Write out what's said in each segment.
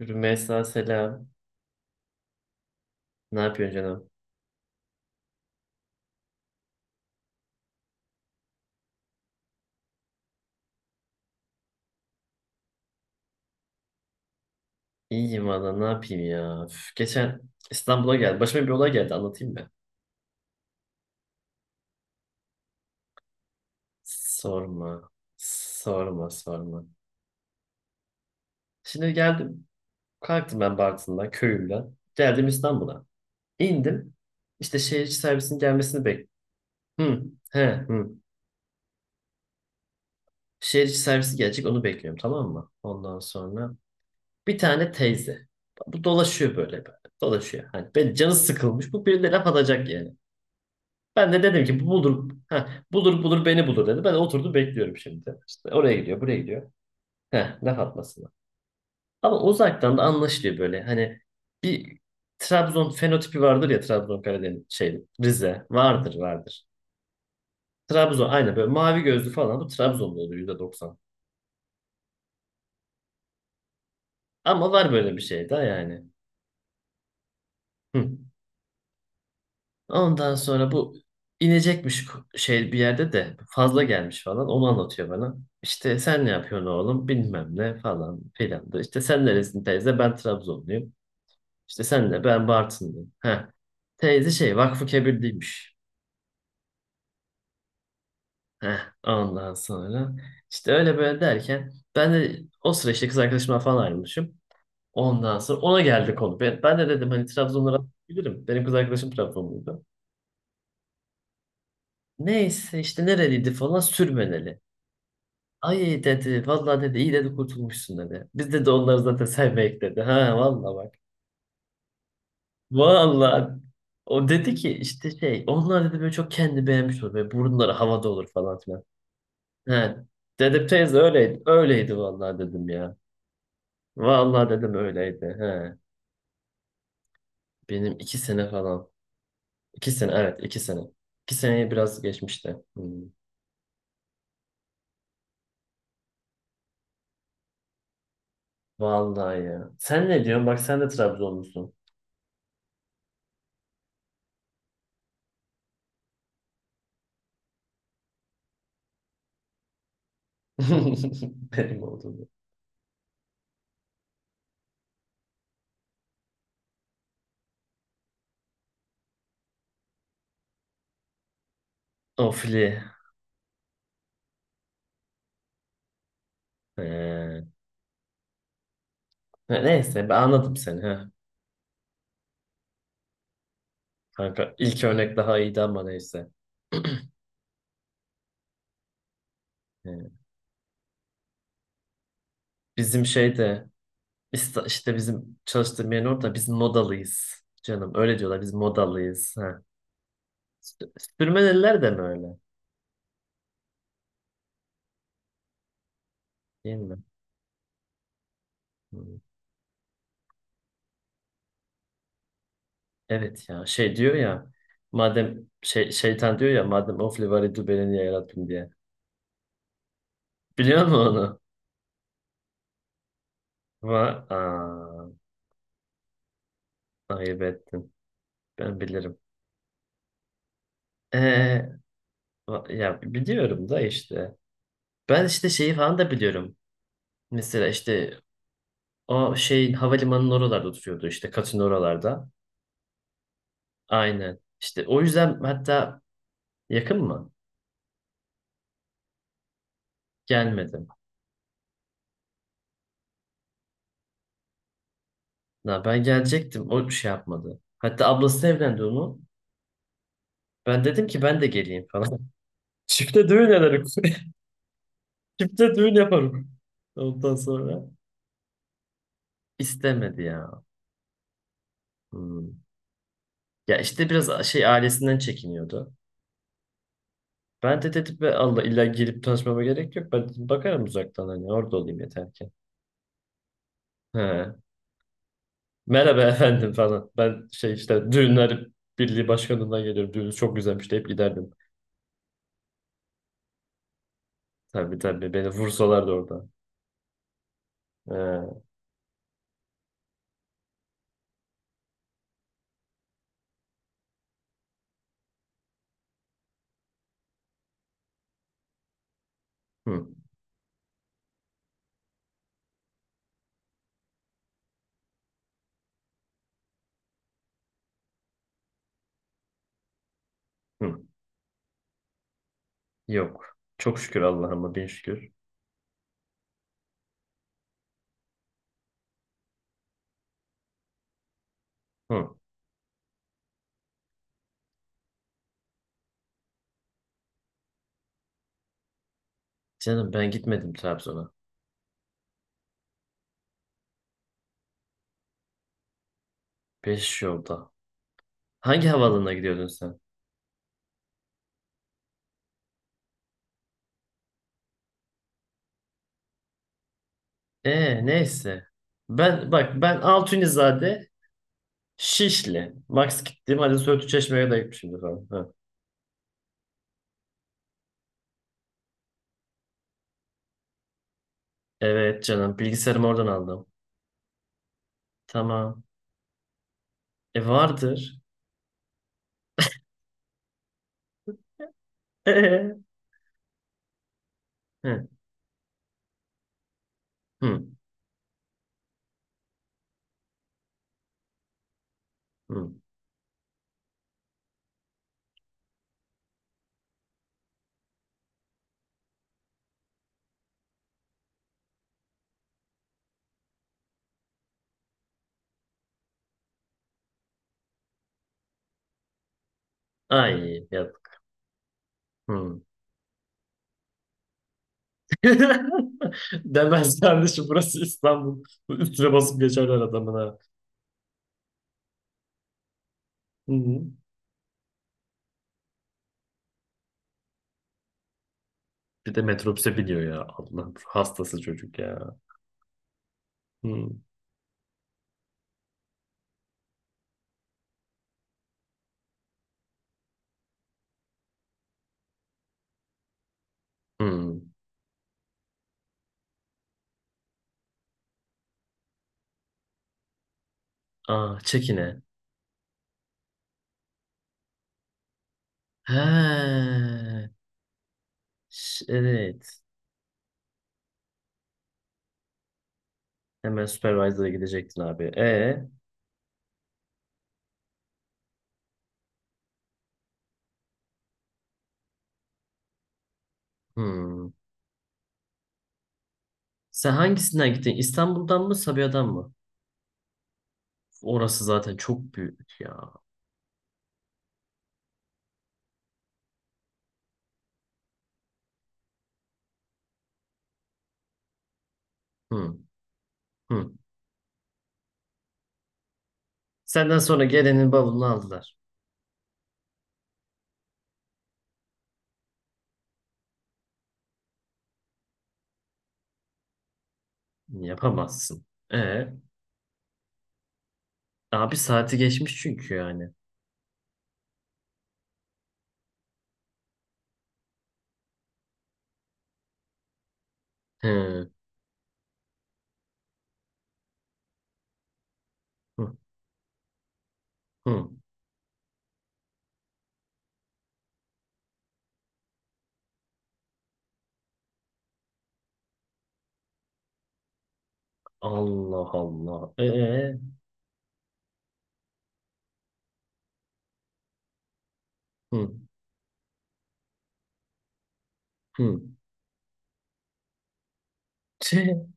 Rümeysa selam. Ne yapıyorsun canım? İyiyim valla, ne yapayım ya. Üf, geçen İstanbul'a geldi. Başıma bir olay geldi, anlatayım mı? Sorma. Sorma sorma. Şimdi geldim. Kalktım ben Bartın'dan köyümden. Geldim İstanbul'a. İndim. İşte şehir içi servisin gelmesini bekliyorum. Hı, he, hı. Şehir içi servisi gelecek, onu bekliyorum, tamam mı? Ondan sonra bir tane teyze. Bu dolaşıyor böyle, böyle, dolaşıyor. Hani ben, canı sıkılmış. Bu birine laf atacak yani. Ben de dedim ki bu bulur, ha, bulur bulur beni bulur dedi. Ben de oturdum bekliyorum şimdi. İşte oraya gidiyor, buraya gidiyor. Heh, laf atmasına. Ama uzaktan da anlaşılıyor böyle. Hani bir Trabzon fenotipi vardır ya, Trabzon Karadeniz şey Rize vardır vardır. Trabzon aynı böyle mavi gözlü falan, bu Trabzon'da oluyor %90. Ama var böyle bir şey daha yani. Hı. Ondan sonra bu inecekmiş şey, bir yerde de fazla gelmiş falan, onu anlatıyor bana. İşte sen ne yapıyorsun oğlum bilmem ne falan filan da. İşte sen neresin teyze, ben Trabzonluyum. İşte sen de, ben Bartınlıyım. Heh. Teyze şey Vakfı Kebirliymiş. Heh. Ondan sonra işte öyle böyle derken ben de o sıra işte kız arkadaşımla falan ayrılmışım. Ondan sonra ona geldi konu. Ben de dedim, hani Trabzonlara bilirim. Benim kız arkadaşım Trabzonluydu. Neyse işte nereliydi falan, sürmeneli. Ay dedi. Vallahi dedi, iyi dedi, kurtulmuşsun dedi. Biz dedi onları zaten sevmeyek dedi. Ha, vallahi bak. Vallahi. O dedi ki işte şey, onlar dedi böyle çok kendi beğenmiş olur. Böyle burunları havada olur falan filan. He. Dedim teyze öyleydi. Öyleydi vallahi dedim ya. Vallahi dedim öyleydi. He. Benim iki sene falan. İki sene, evet, iki sene. İki seneye biraz geçmişti. Hmm. Vallahi ya. Sen ne diyorsun? Bak sen de Trabzonlusun. Benim olduğunu. Ofli. He. Neyse, ben anladım seni. Heh. Kanka ilk örnek daha iyiydi ama neyse. Ee, Bizim şeyde, işte bizim çalıştığım yerin orada biz modalıyız. Canım öyle diyorlar, biz modalıyız. Ha. Sü- Sürmeneliler de mi öyle? Değil mi? Hmm. Evet ya, şey diyor ya madem şey, şeytan diyor ya madem ofli var idi beni niye yarattın diye. Biliyor musun onu? Va Aa, ayıp ettin. Ben bilirim. Ee, Ya biliyorum da işte. Ben işte şeyi falan da biliyorum. Mesela işte o şey havalimanının oralarda oturuyordu, işte katın oralarda. Aynen. İşte o yüzden hatta yakın mı? Gelmedim. Ya ben gelecektim. O bir şey yapmadı. Hatta ablası evlendi onu. Ben dedim ki ben de geleyim falan. Çifte düğün ederim. Çifte düğün yaparım. Ondan sonra istemedi ya. Hmm. Ya işte biraz şey ailesinden çekiniyordu. Ben de dedim be Allah, illa gelip tanışmama gerek yok. Ben dedim, bakarım uzaktan, hani orada olayım yeter ki. He. Merhaba efendim falan. Ben şey işte düğünler birliği başkanından geliyorum. Düğününüz çok güzelmiş deyip giderdim. Tabii tabii, beni vursalardı orada. Ee, hı, hı. Yok. Çok şükür Allah'ıma bin şükür. Hı. Canım ben gitmedim Trabzon'a. Beş yolda. Hangi havaalanına gidiyordun sen? Neyse. Ben bak, ben Altunizade Şişli. Max gittiğim halde Söğütü Çeşme'ye de gitmişimdir falan. Hı. Evet canım, bilgisayarımı oradan aldım. Tamam. E vardır. Ee? Hı. Hı. Hı. Ay yap. Hı. Demez kardeşim, burası İstanbul. Üstüne basıp geçerler adamın ha. Hı. Bir de metrobüse biniyor ya. Allah hastası çocuk ya. Hı. Hı. Aa, çekine. He. Evet. Hemen supervisor'a gidecektin abi. E. Hı. Sen hangisinden gittin? İstanbul'dan mı, Sabiha'dan mı? Orası zaten çok büyük ya. Hı. Hı. Senden sonra gelenin bavulunu aldılar. Yapamazsın. E abi, saati geçmiş çünkü yani. He. Hı. Hı. Allah Allah. E. Hı. Hı. Tüh.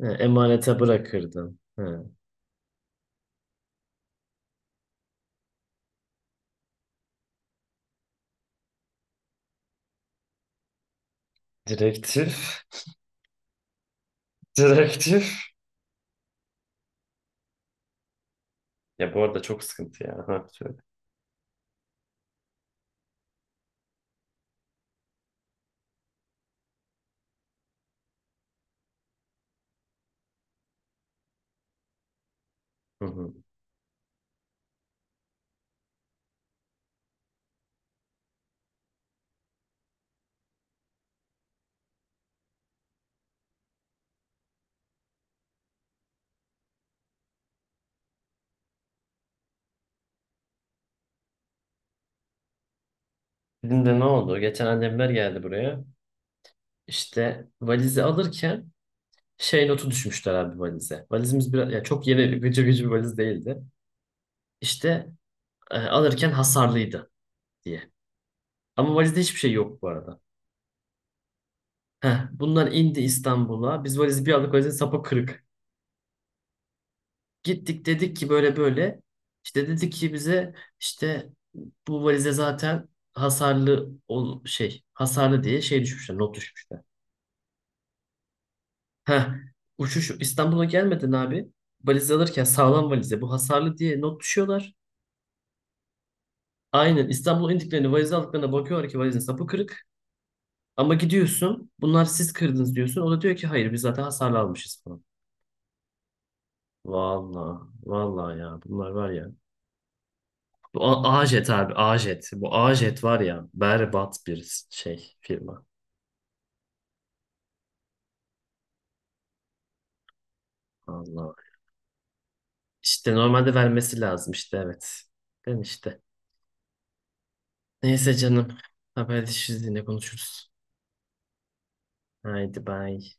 Emanete bırakırdın. Hı. Direktif. Direktif. Ya bu arada çok sıkıntı ya. Ha, söyle. Hı hı. Bizim de ne oldu? Geçen annemler geldi buraya. İşte valizi alırken şey notu düşmüşler abi valize. Valizimiz biraz ya, çok yeni gıcır gıcır bir valiz değildi. İşte alırken hasarlıydı diye. Ama valizde hiçbir şey yok bu arada. Heh, bunlar indi İstanbul'a. Biz valizi bir aldık, valizin sapı kırık. Gittik dedik ki böyle böyle. İşte dedik ki bize, işte bu valize zaten hasarlı şey, hasarlı diye şey düşmüşler, not düşmüşler. Heh, uçuş İstanbul'a gelmeden abi, valizi alırken sağlam valize bu hasarlı diye not düşüyorlar. Aynen İstanbul'a indiklerini valizi aldıklarına bakıyorlar ki valizin sapı kırık. Ama gidiyorsun, bunlar siz kırdınız diyorsun. O da diyor ki hayır, biz zaten hasarlı almışız falan. Valla, valla ya, bunlar var ya. Bu Ajet abi, Ajet. Bu Ajet var ya, berbat bir şey firma. Allah. İşte normalde vermesi lazım, işte evet. Ben işte. Neyse canım. Haberleşiriz, yine konuşuruz. Haydi bay.